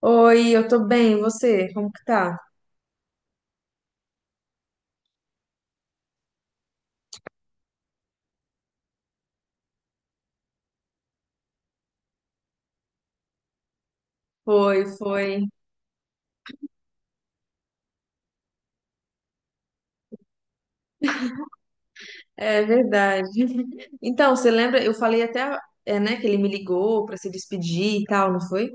Oi, eu tô bem, e você? Como que tá? Foi, foi. É verdade. Então, você lembra? Eu falei até, é, né, que ele me ligou pra se despedir e tal, não foi?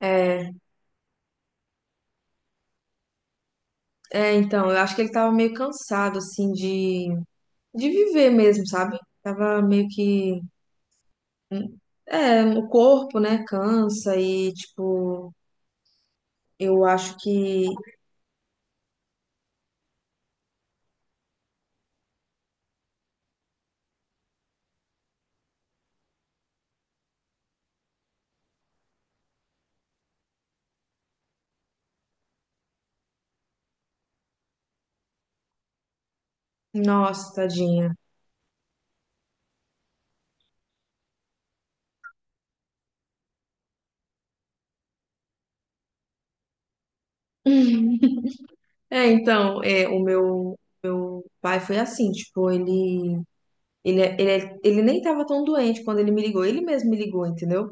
É, é, então, eu acho que ele tava meio cansado, assim, de viver mesmo, sabe? Tava meio que. hum, É, o corpo, né, cansa e, tipo, eu acho que. Nossa, tadinha. É, então, é, o meu pai foi assim, tipo, ele. Ele nem estava tão doente quando ele me ligou, ele mesmo me ligou, entendeu?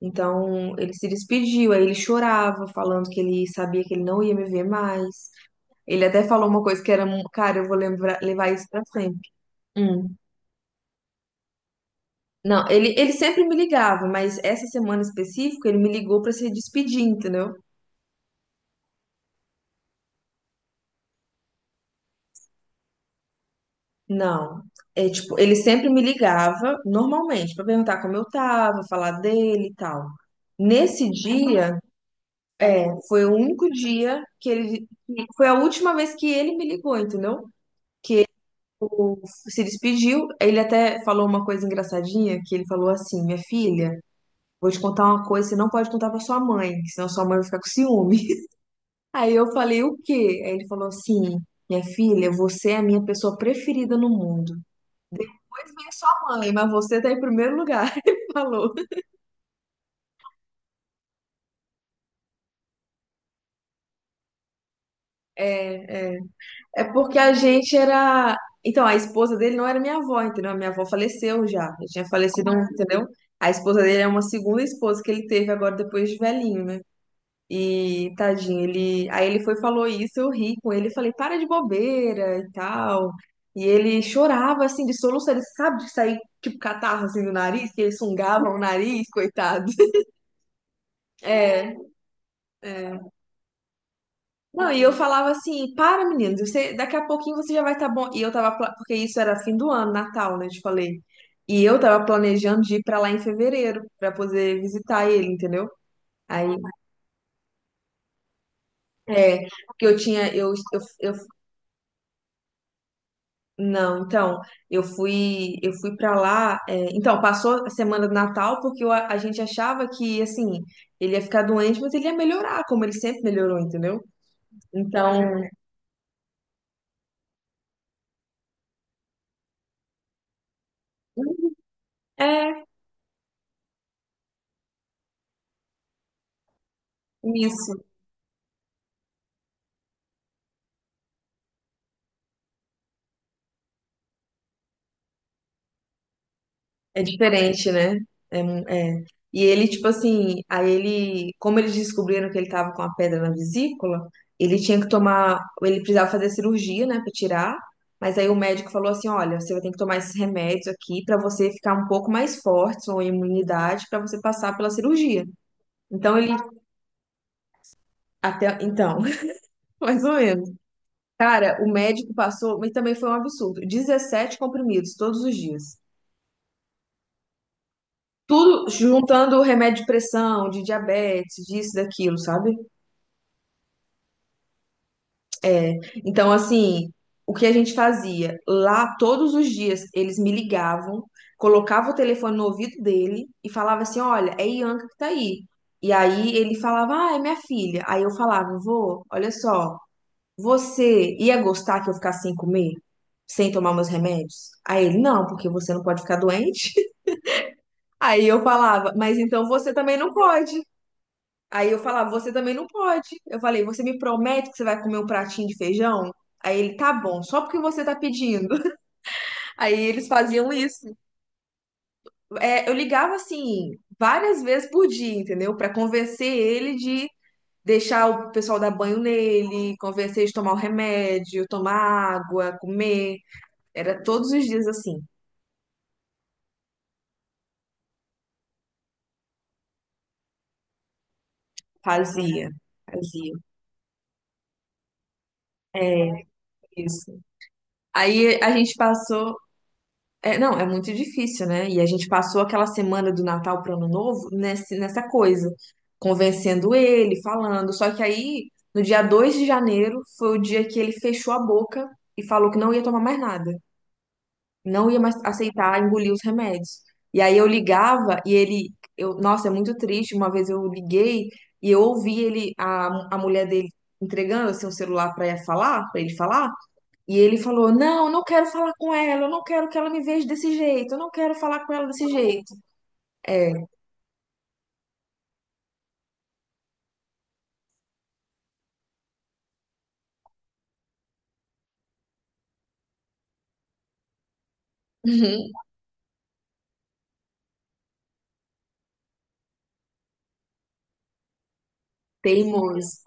Então ele se despediu, aí ele chorava, falando que ele sabia que ele não ia me ver mais. Ele até falou uma coisa que era, cara, eu vou lembrar, levar isso pra sempre. Hum. Não, ele sempre me ligava, mas essa semana específica ele me ligou pra se despedir, entendeu? Não. É tipo, ele sempre me ligava normalmente pra perguntar como eu tava, falar dele e tal. Nesse dia, é, foi o único dia que ele. Foi a última vez que ele me ligou, entendeu? Se despediu. Ele até falou uma coisa engraçadinha, que ele falou assim: Minha filha, vou te contar uma coisa, você não pode contar pra sua mãe, que senão sua mãe vai ficar com ciúme. Aí eu falei: O quê? Aí ele falou assim: Minha filha, você é a minha pessoa preferida no mundo. Pois bem, sua mãe, mas você tá em primeiro lugar. Ele falou. É. É porque a gente era. Então, a esposa dele não era minha avó, entendeu? A minha avó faleceu já. Já tinha falecido, entendeu? A esposa dele é uma segunda esposa que ele teve agora depois de velhinho, né? E tadinho, ele. Aí ele foi e falou isso, eu ri com ele, falei, para de bobeira e tal. E ele chorava assim de soluço, ele sabe de sair tipo catarro assim do nariz, que eles sungavam o nariz, coitado. É. É. Não, e eu falava assim, para, meninos, você, daqui a pouquinho você já vai estar bom. E eu tava, porque isso era fim do ano, Natal, né? Eu te falei. E eu tava planejando de ir pra lá em fevereiro, pra poder visitar ele, entendeu? Aí, é, porque eu tinha, não, então, eu fui pra lá, é, então, passou a semana do Natal, porque eu a gente achava que, assim, ele ia ficar doente, mas ele ia melhorar, como ele sempre melhorou, entendeu? Então, é, isso. É diferente, né? É, é. E ele, tipo assim, aí ele, como eles descobriram que ele tava com a pedra na vesícula, ele tinha que tomar, ele precisava fazer cirurgia, né, pra tirar. Mas aí o médico falou assim, olha, você vai ter que tomar esses remédios aqui pra você ficar um pouco mais forte, sua imunidade, pra você passar pela cirurgia. Então ele até então, mais ou menos. Cara, o médico passou, mas também foi um absurdo. 17 comprimidos todos os dias. Tudo juntando o remédio de pressão, de diabetes, disso, daquilo, sabe? É, então, assim, o que a gente fazia? Lá, todos os dias, eles me ligavam, colocava o telefone no ouvido dele e falava assim: Olha, é Ianca que tá aí. E aí ele falava: Ah, é minha filha. Aí eu falava: Vô, olha só, você ia gostar que eu ficasse sem comer? Sem tomar meus remédios? Aí ele: Não, porque você não pode ficar doente. Aí eu falava: Mas então você também não pode. Aí eu falava, você também não pode. Eu falei, você me promete que você vai comer um pratinho de feijão? Aí ele, tá bom, só porque você tá pedindo. Aí eles faziam isso. É, eu ligava assim, várias vezes por dia, entendeu? Pra convencer ele de deixar o pessoal dar banho nele, convencer ele de tomar o remédio, tomar água, comer. Era todos os dias assim. Fazia, fazia. É, isso. Aí a gente passou. É, não, é muito difícil, né? E a gente passou aquela semana do Natal para o Ano Novo nesse, nessa coisa, convencendo ele, falando. Só que aí, no dia 2 de janeiro, foi o dia que ele fechou a boca e falou que não ia tomar mais nada, não ia mais aceitar engolir os remédios. E aí eu ligava e ele, eu, nossa, é muito triste. Uma vez eu liguei e eu ouvi ele, a mulher dele entregando assim, o celular para falar, para ele falar. E ele falou: Não, eu não quero falar com ela, eu não quero que ela me veja desse jeito, eu não quero falar com ela desse jeito. É, uhum, teimoso.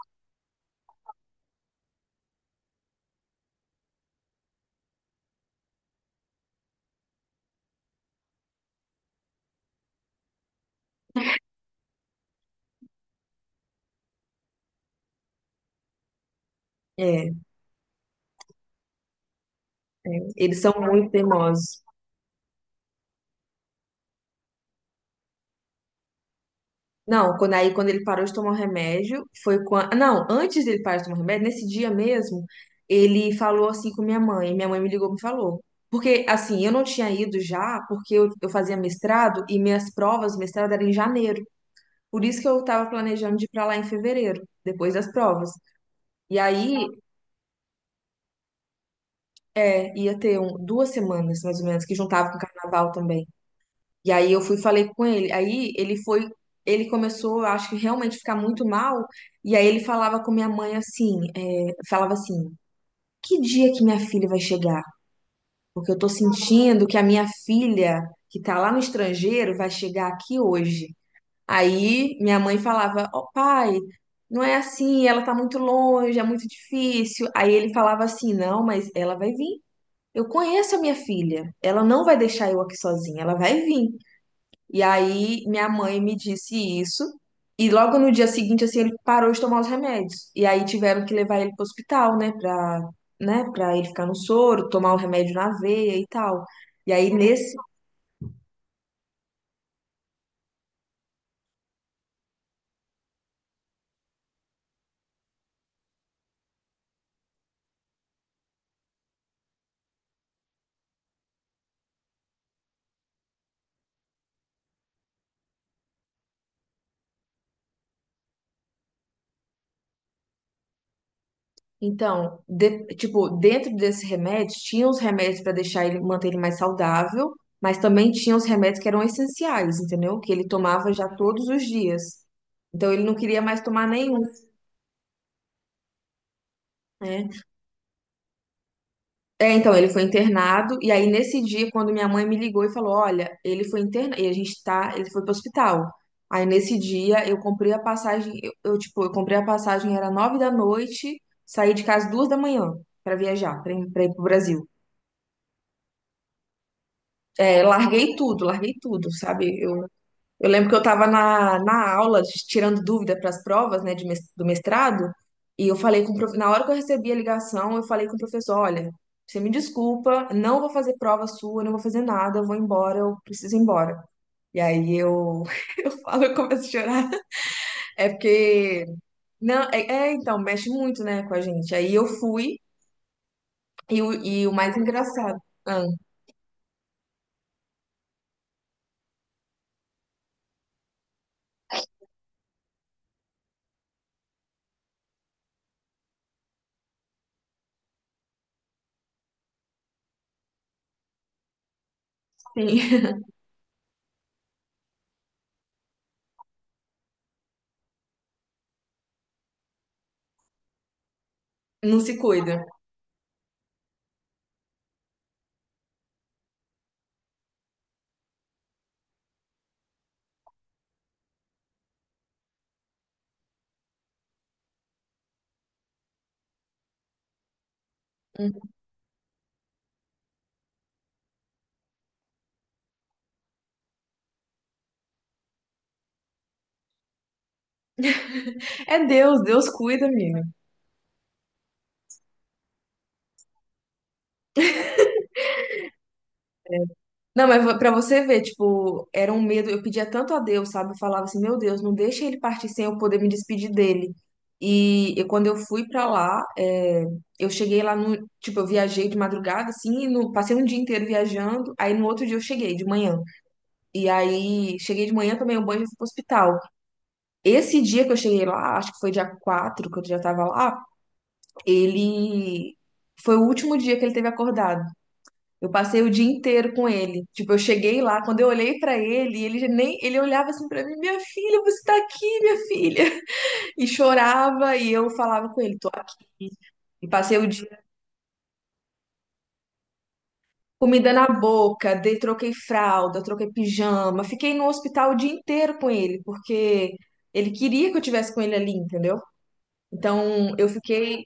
É, eles são muito teimosos. Não, quando aí quando ele parou de tomar o remédio, foi quando. Não, antes dele parar de tomar o remédio, nesse dia mesmo, ele falou assim com minha mãe. Minha mãe me ligou e me falou. Porque, assim, eu não tinha ido já, porque eu fazia mestrado e minhas provas do mestrado eram em janeiro. Por isso que eu estava planejando de ir para lá em fevereiro, depois das provas. E aí é, ia ter 2 semanas, mais ou menos, que juntava com o carnaval também. E aí eu fui e falei com ele. Aí ele foi, ele começou, eu acho que realmente ficar muito mal. E aí ele falava com minha mãe assim, é, falava assim, que dia que minha filha vai chegar? Porque eu tô sentindo que a minha filha, que tá lá no estrangeiro, vai chegar aqui hoje. Aí minha mãe falava, ó pai, não é assim, ela tá muito longe, é muito difícil. Aí ele falava assim, não, mas ela vai vir. Eu conheço a minha filha, ela não vai deixar eu aqui sozinha, ela vai vir. E aí minha mãe me disse isso, e logo no dia seguinte, assim, ele parou de tomar os remédios. E aí tiveram que levar ele pro hospital, né, pra ele ficar no soro, tomar o remédio na veia e tal. E aí nesse, então, tipo, dentro desse remédio, tinha os remédios pra deixar ele, manter ele mais saudável, mas também tinha os remédios que eram essenciais, entendeu? Que ele tomava já todos os dias. Então ele não queria mais tomar nenhum, né? É, então, ele foi internado, e aí nesse dia, quando minha mãe me ligou e falou, olha, ele foi internado, e a gente tá, ele foi pro hospital. Aí nesse dia, eu comprei a passagem, tipo, eu comprei a passagem, era 9 da noite, saí de casa 2 da manhã pra viajar, pra ir pro Brasil. É, larguei tudo, sabe? Eu lembro que eu estava na aula, tirando dúvida para as provas, né, do mestrado, e eu falei com o na hora que eu recebi a ligação, eu falei com o professor, olha, você me desculpa, não vou fazer prova sua, não vou fazer nada, eu vou embora, eu preciso ir embora. E aí eu, eu falo, eu começo a chorar. É porque, não, é, então, mexe muito, né, com a gente. Aí eu fui, e o mais engraçado, ah, sim, não se cuida. É Deus, Deus cuida, amigo. Não, mas pra você ver, tipo, era um medo. Eu pedia tanto a Deus, sabe? Eu falava assim, meu Deus, não deixa ele partir sem eu poder me despedir dele. E quando eu fui pra lá, é, eu cheguei lá no, tipo, eu viajei de madrugada, assim, passei um dia inteiro viajando. Aí no outro dia eu cheguei de manhã. E aí cheguei de manhã, tomei um banho e fui pro hospital. Esse dia que eu cheguei lá, acho que foi dia 4 que eu já tava lá, ele foi o último dia que ele teve acordado. Eu passei o dia inteiro com ele. Tipo, eu cheguei lá, quando eu olhei pra ele, ele já nem ele olhava assim pra mim, minha filha, você tá aqui, minha filha. E chorava e eu falava com ele, tô aqui. E passei o dia com comida na boca, dei, troquei fralda, troquei pijama, fiquei no hospital o dia inteiro com ele, porque ele queria que eu tivesse com ele ali, entendeu? Então, eu fiquei.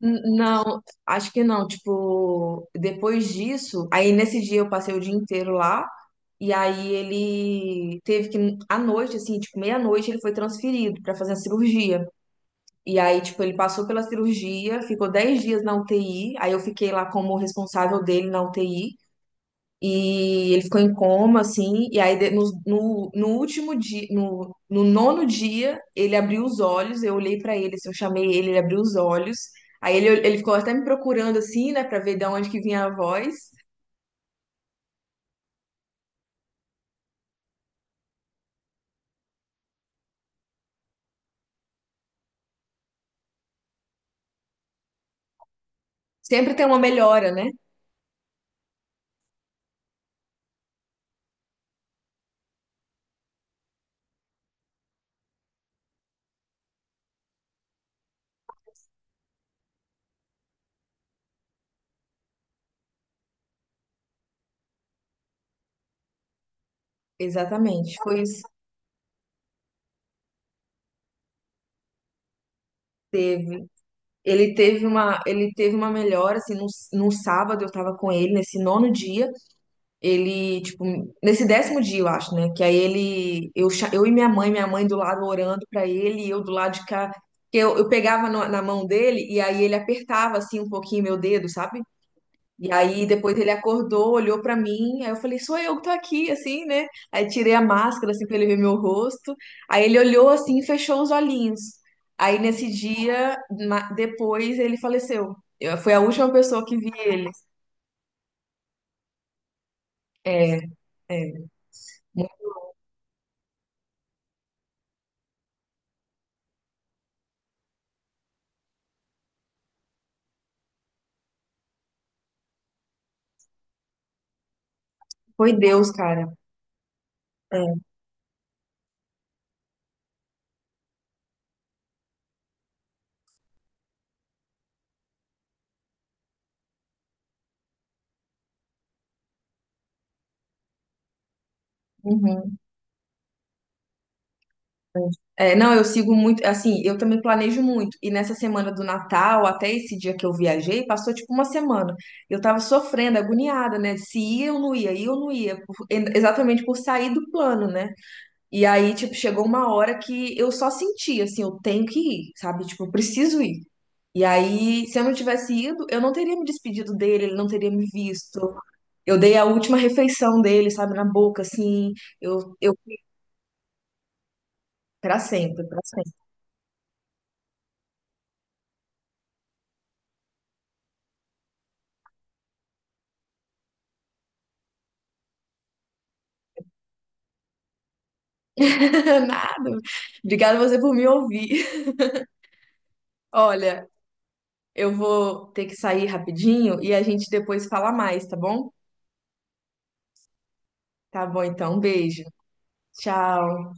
Não, acho que não. Tipo, depois disso, aí nesse dia eu passei o dia inteiro lá. E aí ele teve que, à noite, assim, tipo, meia-noite, ele foi transferido pra fazer a cirurgia. E aí, tipo, ele passou pela cirurgia, ficou 10 dias na UTI, aí eu fiquei lá como responsável dele na UTI. E ele ficou em coma, assim, e aí no último dia, no nono dia, ele abriu os olhos, eu olhei pra ele, assim, eu chamei ele, ele abriu os olhos. Aí ele, ficou até me procurando, assim, né, pra ver de onde que vinha a voz. Sempre tem uma melhora, né? Exatamente, foi isso. Ele teve uma melhora, assim, no sábado eu tava com ele, nesse nono dia, ele, tipo, nesse 10º dia, eu acho, né, que aí ele, eu, eu e minha mãe do lado orando pra ele, e eu do lado de cá, que eu pegava na mão dele, e aí ele apertava, assim, um pouquinho meu dedo, sabe? E aí depois ele acordou, olhou pra mim, aí eu falei, sou eu que tô aqui, assim, né? Aí tirei a máscara, assim, pra ele ver meu rosto. Aí ele olhou assim e fechou os olhinhos. Aí nesse dia, depois ele faleceu. Eu, foi a última pessoa que vi ele. É, é. Foi Deus, cara. É. Uhum. É, não, eu sigo muito, assim, eu também planejo muito. E nessa semana do Natal, até esse dia que eu viajei, passou tipo uma semana. Eu tava sofrendo, agoniada, né? Se ia ou não ia, ia ou não ia, exatamente por sair do plano, né? E aí, tipo, chegou uma hora que eu só senti, assim, eu tenho que ir, sabe? Tipo, eu preciso ir. E aí, se eu não tivesse ido, eu não teria me despedido dele, ele não teria me visto. Eu dei a última refeição dele, sabe, na boca, assim, eu, eu, pra sempre, pra sempre. Nada. Obrigada você por me ouvir. Olha, eu vou ter que sair rapidinho e a gente depois fala mais, tá bom? Tá bom, então. Um beijo. Tchau.